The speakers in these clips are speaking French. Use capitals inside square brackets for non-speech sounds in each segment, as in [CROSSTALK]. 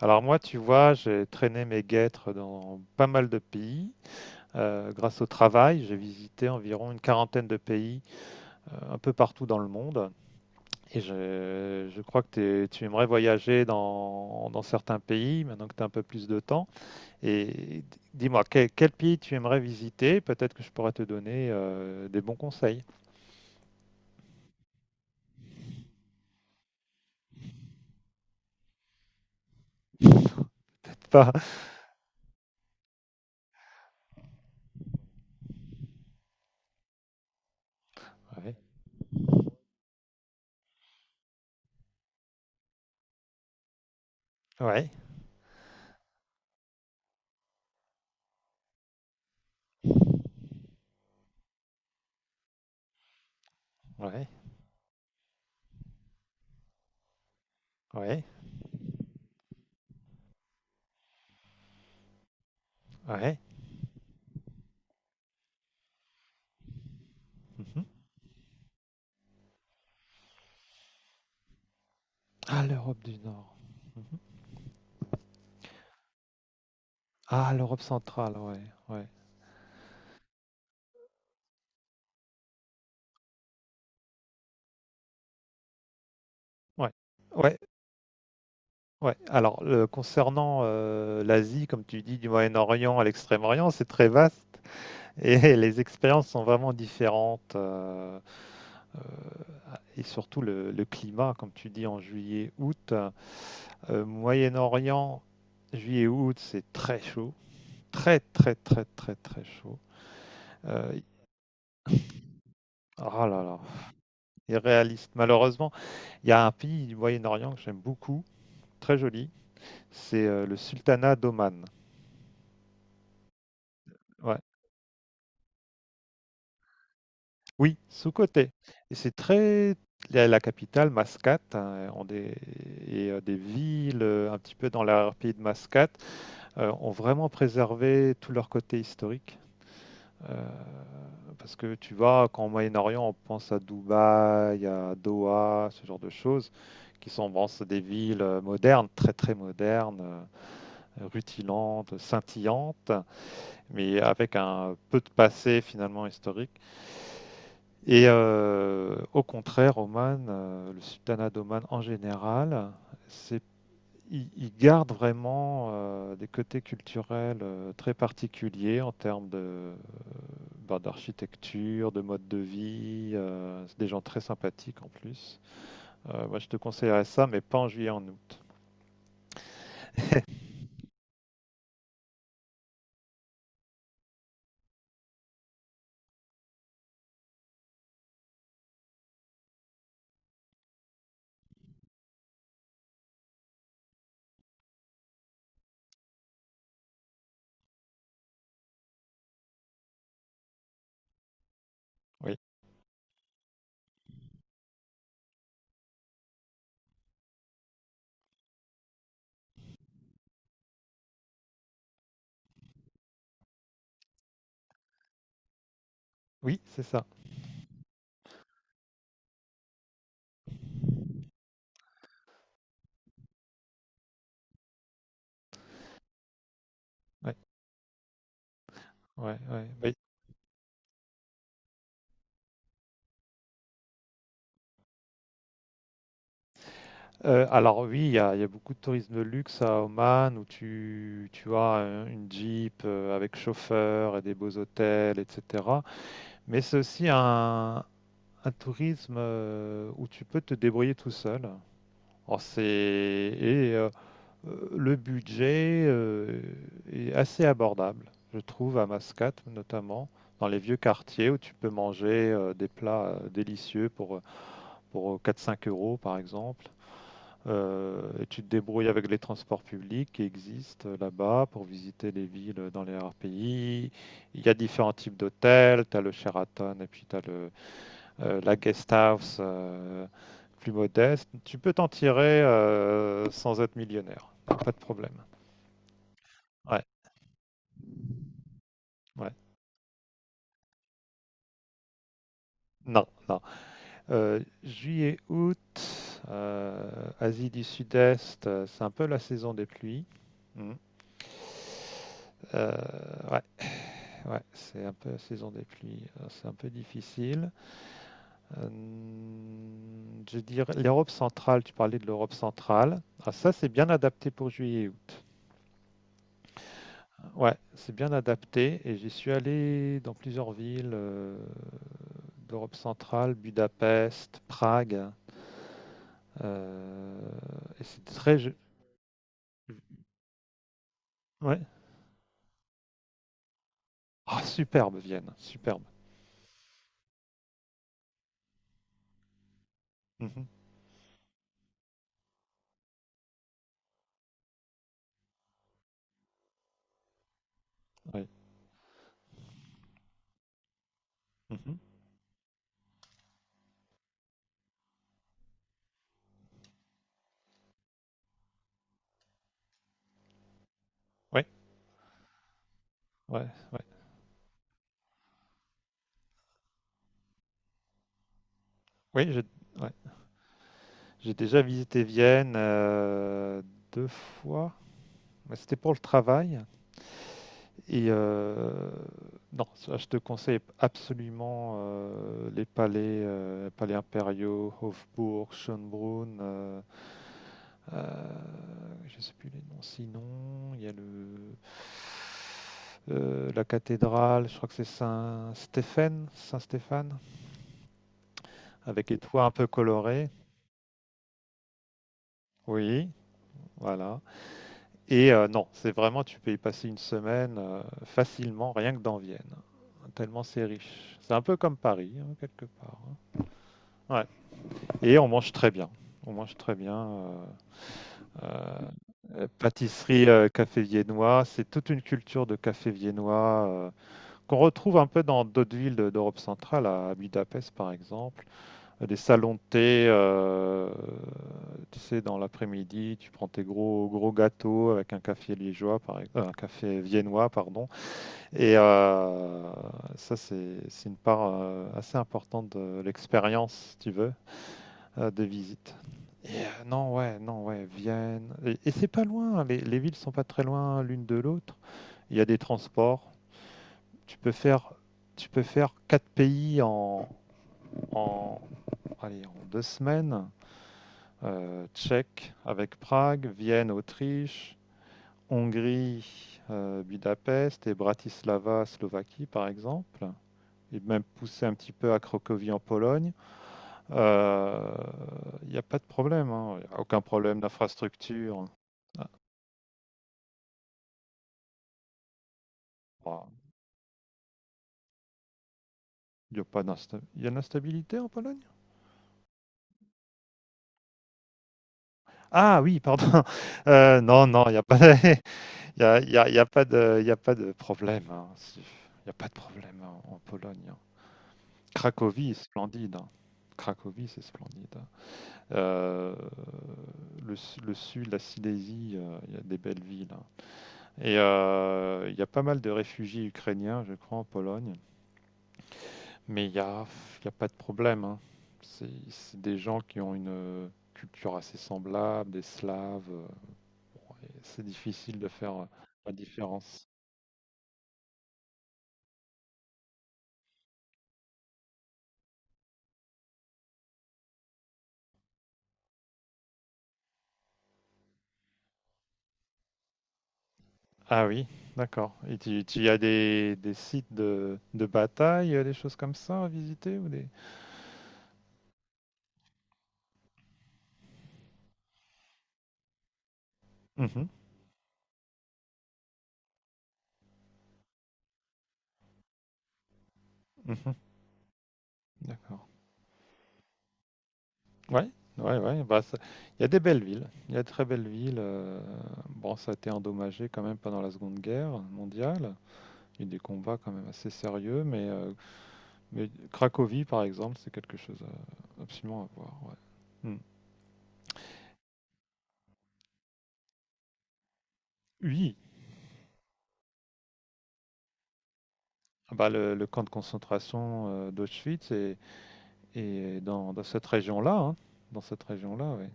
Alors moi, tu vois, j'ai traîné mes guêtres dans pas mal de pays. Grâce au travail, j'ai visité environ une quarantaine de pays un peu partout dans le monde. Et je crois que tu aimerais voyager dans certains pays, maintenant que tu as un peu plus de temps. Et dis-moi, quel pays tu aimerais visiter? Peut-être que je pourrais te donner des bons conseils. [LAUGHS] Pas... Ouais, ouais, ouais, ouais, ouais. Mhm. Ah, l'Europe du Nord. Mhm. Ah, l'Europe centrale, ouais, ouais. Ouais, ouais, ouais. Alors, concernant l'Asie, comme tu dis, du Moyen-Orient à l'Extrême-Orient, c'est très vaste et [LAUGHS] les expériences sont vraiment différentes. Euh, et surtout le climat, comme tu dis, en juillet-août. Moyen-Orient, juillet-août, c'est très chaud. Très, très, très, très, très chaud. Euh, oh là là, irréaliste. Malheureusement, il y a un pays du Moyen-Orient que j'aime beaucoup, très joli. C'est le Sultanat d'Oman. Ouais. Oui, sous côté. Et c'est très, la capitale Mascate, hein, ont des, et des villes un petit peu dans l'arrière-pays de Mascate ont vraiment préservé tout leur côté historique. Parce que tu vois, quand au Moyen-Orient, on pense à Dubaï, à Doha, ce genre de choses, qui sont bon, c'est des villes modernes, très très modernes, rutilantes, scintillantes, mais avec un peu de passé finalement historique. Et au contraire, Oman, le sultanat d'Oman en général, c'est, il garde vraiment des côtés culturels très particuliers en termes de, bah, d'architecture, de mode de vie. C'est des gens très sympathiques en plus. Moi, je te conseillerais ça, mais pas en juillet, en août. Oui, oui, c'est ça. Ouais, ouais, ouais. Bah, alors oui, il y a beaucoup de tourisme de luxe à Oman où tu as une Jeep avec chauffeur et des beaux hôtels, etc. Mais c'est aussi un tourisme où tu peux te débrouiller tout seul. Alors, c'est, et le budget est assez abordable, je trouve, à Mascate notamment, dans les vieux quartiers où tu peux manger des plats délicieux pour 4-5 € par exemple. Et tu te débrouilles avec les transports publics qui existent là-bas pour visiter les villes dans les RPI. Il y a différents types d'hôtels. Tu as le Sheraton et puis tu as la guest house plus modeste. Tu peux t'en tirer sans être millionnaire. Pas de problème. Ouais, ouais. Non, non. Juillet, août, Asie du Sud-Est, c'est un peu la saison des pluies. Hmm. Euh, ouais. Ouais, c'est un peu la saison des pluies, c'est un peu difficile. Euh, je dirais l'Europe centrale, tu parlais de l'Europe centrale. Ah, ça, c'est bien adapté pour juillet et août. Ouais, c'est bien adapté et j'y suis allé dans plusieurs villes d'Europe centrale, Budapest, Prague. euh, et c'est très... Ouais. Ah, superbe Vienne, superbe. Mhm, oui. Mhm. Ouais, ouais, ouais. Oui, j'ai, ouais. J'ai déjà visité Vienne deux fois, mais c'était pour le travail. Et non, ça, je te conseille absolument les palais, palais impériaux, Hofburg, Schönbrunn. Euh, je ne sais plus les noms. Sinon, il y a le la cathédrale. Je crois que c'est Saint Stéphane, Saint Stéphane, avec les toits un peu colorés. Oui, voilà. Et non, c'est vraiment, tu peux y passer une semaine facilement, rien que dans Vienne. Tellement c'est riche. C'est un peu comme Paris, hein, quelque part, hein. Ouais. Et on mange très bien. On mange très bien. Euh, Pâtisserie, café viennois, c'est toute une culture de café viennois qu'on retrouve un peu dans d'autres villes d'Europe centrale, à Budapest par exemple. Des salons de thé, tu sais, dans l'après-midi, tu prends tes gros gros gâteaux avec un café liégeois, un café viennois, pardon. Et ça, c'est une part assez importante de l'expérience, si tu veux, des visites. Et, non, ouais, non, ouais, Vienne. Et c'est pas loin, les villes sont pas très loin l'une de l'autre. Il y a des transports. Tu peux faire, tu peux faire quatre pays en, allez, en deux semaines. Tchèque avec Prague, Vienne, Autriche, Hongrie, Budapest et Bratislava, Slovaquie par exemple, et même poussé un petit peu à Cracovie en Pologne, euh, il n'y a pas de problème, hein. Il n'y a aucun problème d'infrastructure. Ah, bon, il y a pas d'insta- il y a de l'instabilité en Pologne? Ah oui, pardon. [LAUGHS] Non, non, il n'y a pas, de... [LAUGHS] Il y a pas de problème, hein. Il n'y a pas de problème en Pologne, hein. Cracovie, splendide, hein. Cracovie, c'est splendide, hein. Euh, le sud, la Silésie, il y a des belles villes, hein. Et il y a pas mal de réfugiés ukrainiens, je crois, en Pologne. Mais il y a pas de problème, hein. C'est des gens qui ont une culture assez semblable, des Slaves. C'est difficile de faire la différence. Ah oui, d'accord. Et tu as des sites de bataille, des choses comme ça à visiter ou des... Mhm, mhm. D'accord. Ouais, ouais, ouais. Bah, il y a des belles villes. Il y a de très belles villes. Bon, ça a été endommagé quand même pendant la Seconde Guerre mondiale. Il y a eu des combats quand même assez sérieux, mais Cracovie, par exemple, c'est quelque chose absolument à voir, ouais. Hmm. Oui. Ah, bah, le camp de concentration d'Auschwitz est dans cette région-là, hein. Dans cette région-là, oui.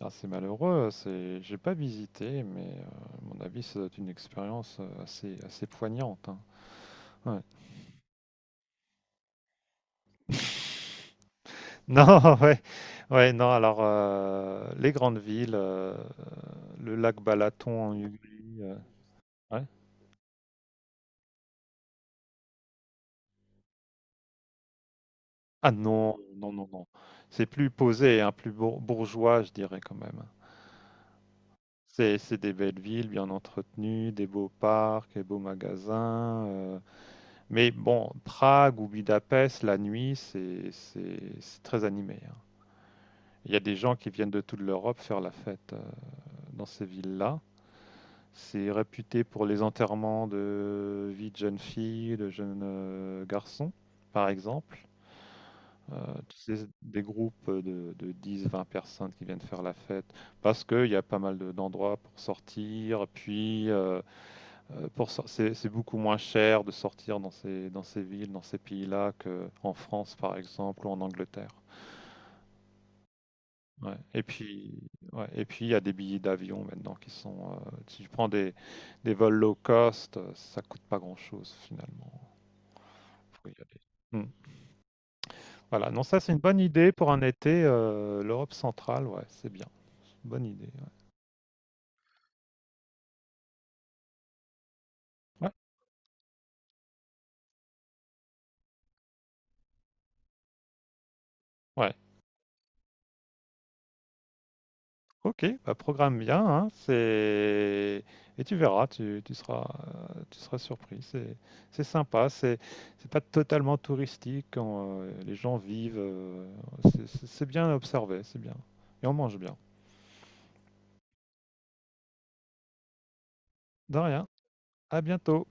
Ah, c'est malheureux, c'est j'ai pas visité, mais à mon avis, ça doit être une expérience assez, assez poignante, hein. Ouais. [LAUGHS] Non, ouais, ouais, non, alors les grandes villes, le lac Balaton en Hongrie, ouais. Ah non, non, non, non. C'est plus posé, hein, plus bourgeois, je dirais quand même. C'est des belles villes, bien entretenues, des beaux parcs, des beaux magasins. Mais bon, Prague ou Budapest, la nuit, c'est très animé, hein. Il y a des gens qui viennent de toute l'Europe faire la fête dans ces villes-là. C'est réputé pour les enterrements de vie de jeunes filles, de jeunes garçons, par exemple. Tu sais, des groupes de 10-20 personnes qui viennent faire la fête parce qu'il y a pas mal d'endroits pour sortir. Puis, c'est beaucoup moins cher de sortir dans ces villes, dans ces pays-là qu'en France, par exemple, ou en Angleterre. Ouais, et puis, il y a des billets d'avion maintenant qui sont. Si tu prends des vols low cost, ça coûte pas grand-chose finalement pour y aller. Hmm. Voilà, non, ça c'est une bonne idée pour un été. L'Europe centrale, ouais, c'est bien. Bonne idée. Ouais. Ouais. Ouais. Ok, bah programme bien, hein, c'est et tu verras, tu seras surpris. C'est sympa, c'est pas totalement touristique quand les gens vivent. C'est bien observé, c'est bien. Et on mange bien. De rien. À bientôt.